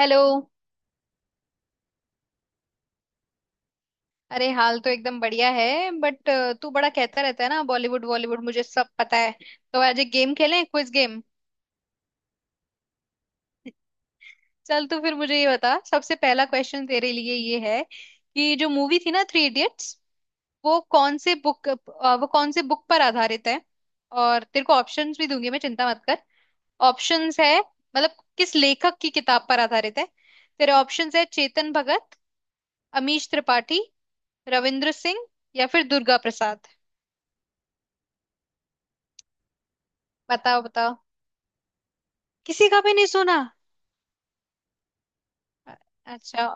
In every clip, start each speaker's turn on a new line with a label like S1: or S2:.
S1: Hello. अरे हाल तो एकदम बढ़िया है। बट तू बड़ा कहता रहता है ना, बॉलीवुड बॉलीवुड मुझे सब पता है। तो आज एक गेम खेलें, क्विज गेम। चल तू फिर मुझे ये बता, सबसे पहला क्वेश्चन तेरे लिए ये है कि जो मूवी थी ना थ्री इडियट्स, वो कौन से बुक, वो कौन से बुक पर आधारित है। और तेरे को ऑप्शंस भी दूंगी मैं, चिंता मत कर। ऑप्शंस है मतलब किस लेखक की किताब पर आधारित है। तेरे ऑप्शंस है चेतन भगत, अमीश त्रिपाठी, रविंद्र सिंह या फिर दुर्गा प्रसाद। बताओ बताओ। किसी का भी नहीं सुना? अ- अच्छा।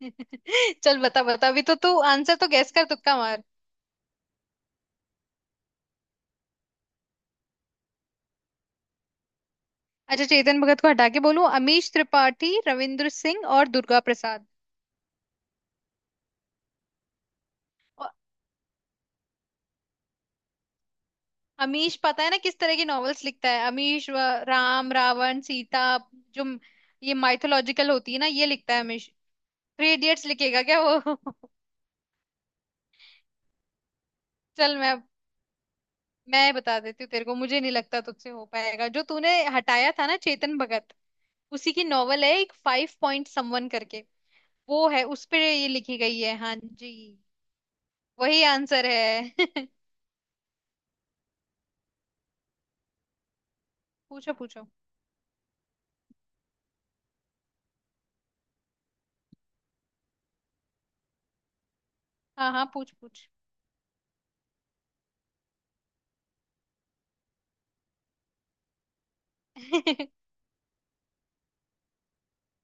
S1: चल बता बता, अभी तो तू आंसर तो गैस कर, तुक्का मार। अच्छा चेतन भगत को हटा के बोलूं अमीश त्रिपाठी, रविंद्र सिंह और दुर्गा प्रसाद। और अमीश पता है ना किस तरह की नॉवेल्स लिखता है अमीश? राम रावण सीता, जो म- ये माइथोलॉजिकल होती है ना, ये लिखता है अमीश। थ्री इडियट्स लिखेगा क्या वो? चल मैं बता देती हूँ तेरे को, मुझे नहीं लगता तुझसे हो पाएगा। जो तूने हटाया था ना चेतन भगत, उसी की नॉवल है एक फाइव पॉइंट समवन करके। वो है, उस पे ये लिखी गई है। हाँ जी, वही आंसर है। पूछो पूछो। हाँ हाँ पूछ पूछ।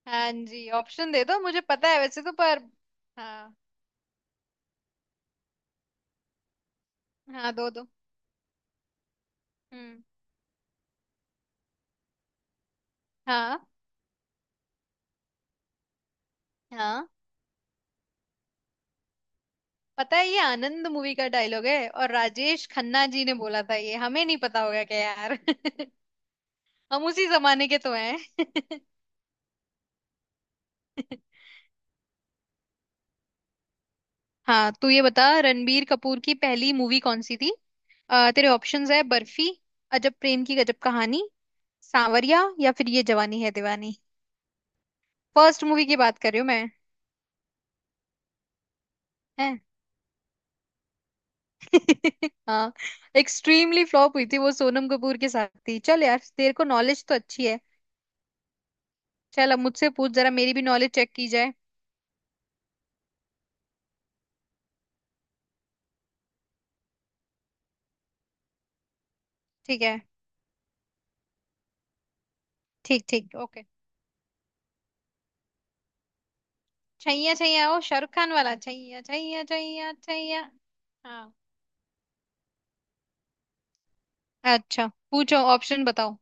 S1: हाँ जी ऑप्शन दे दो, मुझे पता है वैसे तो, पर। हाँ। हाँ, दो दो। हम्म। हाँ। हाँ पता है, ये आनंद मूवी का डायलॉग है और राजेश खन्ना जी ने बोला था। ये हमें नहीं पता होगा क्या यार? हम उसी जमाने के तो हैं। हाँ तू ये बता रणबीर कपूर की पहली मूवी कौन सी थी। तेरे ऑप्शंस है बर्फी, अजब प्रेम की गजब कहानी, सांवरिया या फिर ये जवानी है दीवानी। फर्स्ट मूवी की बात कर रही हूँ मैं। हैं? हाँ, एक्सट्रीमली फ्लॉप हुई थी। वो सोनम कपूर के साथ थी। चल यार, तेरे को नॉलेज तो अच्छी है। चल अब मुझसे पूछ, जरा मेरी भी नॉलेज चेक की जाए। ठीक है। ठीक ठीक, ओके। छैया छैया, ओ शाहरुख खान वाला छैया छैया छैया छैया। हाँ। अच्छा पूछो, ऑप्शन बताओ।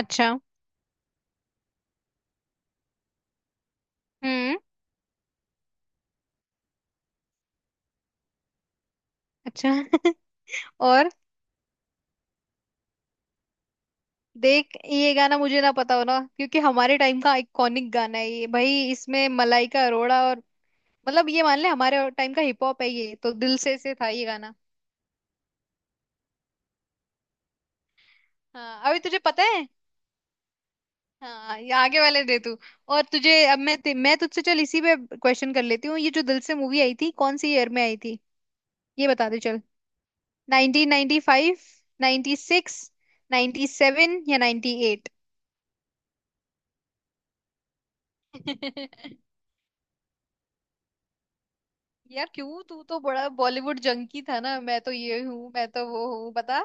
S1: अच्छा। हम्म। अच्छा। और देख ये गाना मुझे ना पता हो ना, क्योंकि हमारे टाइम का आइकॉनिक गाना है ये भाई। इसमें मलाइका अरोड़ा, और मतलब ये मान ले हमारे टाइम का हिप हॉप है ये। तो दिल से था ये गाना। हाँ अभी तुझे पता है। हाँ ये आगे वाले दे तू। और तुझे अब मैं मैं तुझसे, चल इसी पे क्वेश्चन कर लेती हूँ। ये जो दिल से मूवी आई थी, कौन सी ईयर में आई थी, ये बता दे चल। 1995, 96, 97 या 98? यार क्यों, तू तो बड़ा बॉलीवुड जंकी था ना, मैं तो ये हूँ मैं तो वो हूँ, बता।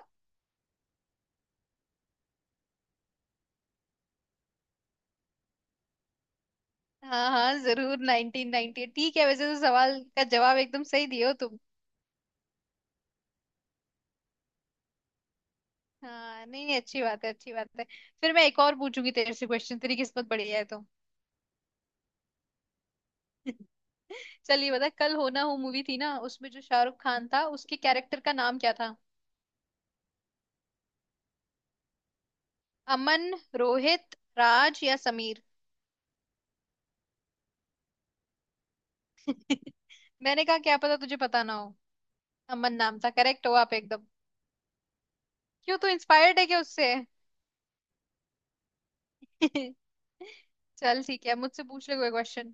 S1: हाँ हाँ जरूर, नाइनटीन नाइनटी ठीक है। वैसे तो सवाल का जवाब एकदम सही दिए हो तुम। हाँ नहीं नहीं, अच्छी बात है अच्छी बात है। फिर मैं एक और पूछूंगी तेरे से क्वेश्चन, तेरी किस्मत बढ़िया है तो। चलिए बता, कल हो ना हो मूवी थी ना, उसमें जो शाहरुख खान था उसके कैरेक्टर का नाम क्या था। अमन, रोहित, राज या समीर। मैंने कहा क्या पता तुझे पता ना हो। अमन नाम था, करेक्ट हो आप एकदम। क्यों, तू इंस्पायर्ड है क्या उससे? चल ठीक है, मुझसे पूछ ले कोई क्वेश्चन।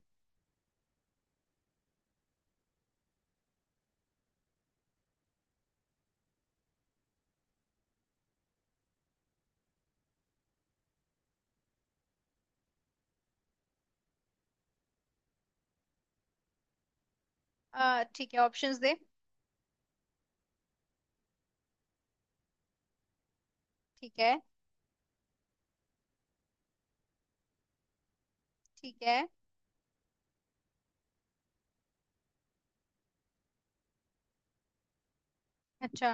S1: आ ठीक है, ऑप्शंस दे। ठीक है। ठीक है। अच्छा।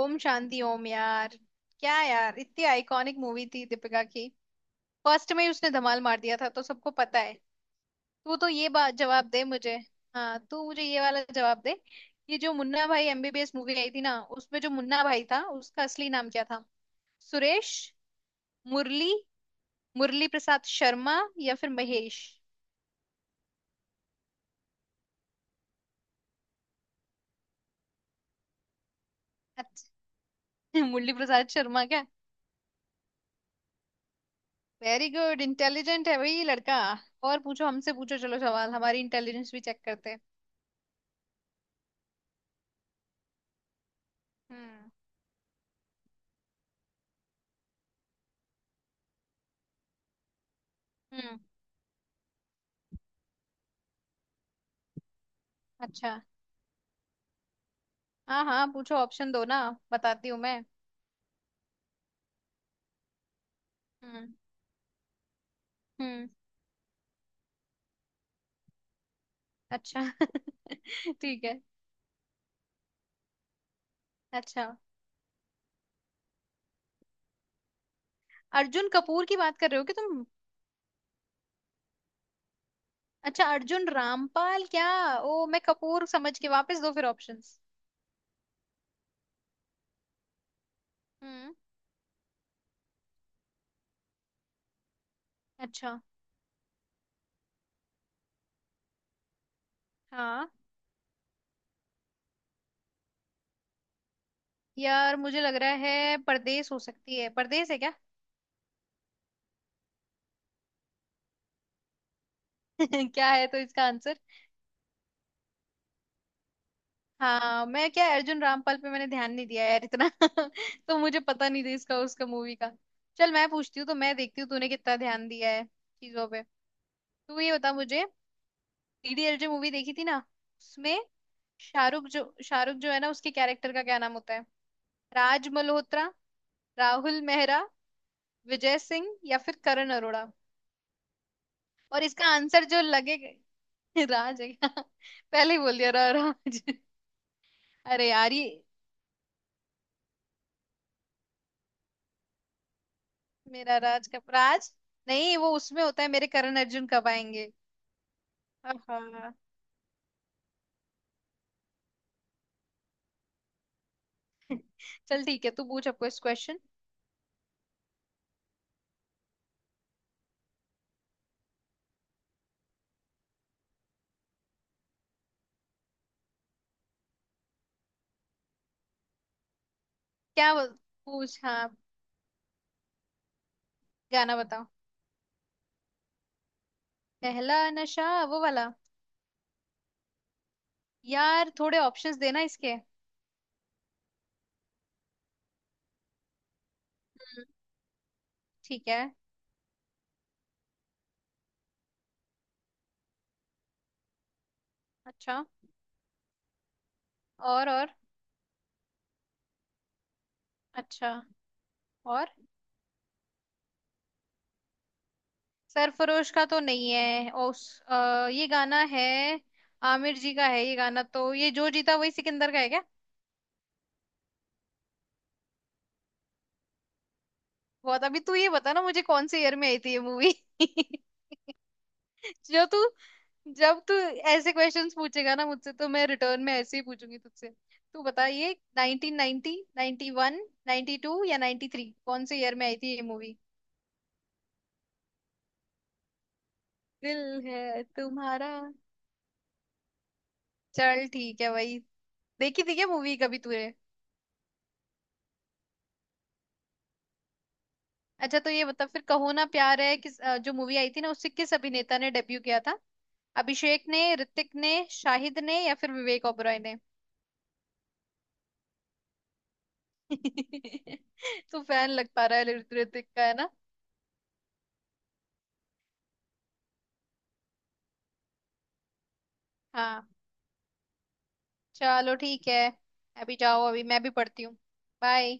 S1: ओम शांति ओम यार। क्या यार, इतनी आइकॉनिक मूवी थी दीपिका की, फर्स्ट में ही उसने धमाल मार दिया था तो सबको पता है। तू तो ये बात जवाब दे मुझे। हाँ तू मुझे ये वाला जवाब दे, ये जो मुन्ना भाई एमबीबीएस मूवी आई थी ना, उसमें जो मुन्ना भाई था उसका असली नाम क्या था। सुरेश, मुरली, मुरली प्रसाद शर्मा या फिर महेश। अच्छा। मुरली Prasad Sharma. Very good, intelligent है भाई लड़का। और पूछो, हमसे पूछो चलो सवाल, हमारी इंटेलिजेंस भी चेक करते हैं। हम्म। हम्म। अच्छा। हाँ हाँ पूछो, ऑप्शन दो ना, बताती हूँ मैं। हम्म। हम्म। अच्छा। ठीक है। अच्छा। अर्जुन कपूर की बात कर रहे हो कि तुम? अच्छा, अर्जुन रामपाल क्या। ओ मैं कपूर समझ के, वापस दो फिर ऑप्शंस। हम्म। अच्छा। हाँ। यार मुझे लग रहा है परदेश हो सकती है, परदेश है क्या? क्या है तो इसका आंसर? हाँ मैं क्या, अर्जुन रामपाल पे मैंने ध्यान नहीं दिया यार इतना। तो मुझे पता नहीं था इसका, उसका मूवी का। चल मैं पूछती हूँ, तो मैं देखती हूँ तूने कितना ध्यान दिया है चीजों पे। तू ये बता मुझे, डीडीएलजे मूवी देखी थी ना, उसमें शाहरुख जो है ना उसके कैरेक्टर का क्या नाम होता है। राज मल्होत्रा, राहुल मेहरा, विजय सिंह या फिर करण अरोड़ा। और इसका आंसर जो लगेगा। राज है क्या? पहले ही बोल दिया राज। अरे यार ये, मेरा राज कब, राज नहीं, वो उसमें होता है मेरे करण अर्जुन कब आएंगे। आहा। चल ठीक है तू पूछ अब कुछ क्वेश्चन। क्या बोल- पूछ हाँ, गाना बताओ। पहला नशा, वो वाला। यार थोड़े ऑप्शंस देना इसके। ठीक है। अच्छा। और अच्छा। और सरफरोश का तो नहीं है, ये गाना है आमिर जी का है ये गाना, तो ये जो जीता वही सिकंदर का है क्या। बहुत, अभी तू ये बता ना मुझे कौन से ईयर में आई थी ये मूवी। जो तू, जब तू ऐसे क्वेश्चंस पूछेगा ना मुझसे तो मैं रिटर्न में ऐसे ही पूछूंगी तुझसे। तू बता ये 1990, 91, 92 या 93, कौन से ईयर में आई थी ये मूवी। दिल है तुम्हारा। चल ठीक है भाई, देखी थी क्या मूवी कभी तूने? अच्छा तो ये बता फिर, कहो ना प्यार है किस, जो मूवी आई थी ना उससे किस अभिनेता ने डेब्यू किया था। अभिषेक ने, ऋतिक ने, शाहिद ने या फिर विवेक ओबरॉय ने। तू फैन लग पा रहा है ऋतिक का, है ना? हाँ चलो ठीक है, अभी जाओ, अभी मैं भी पढ़ती हूँ। बाय।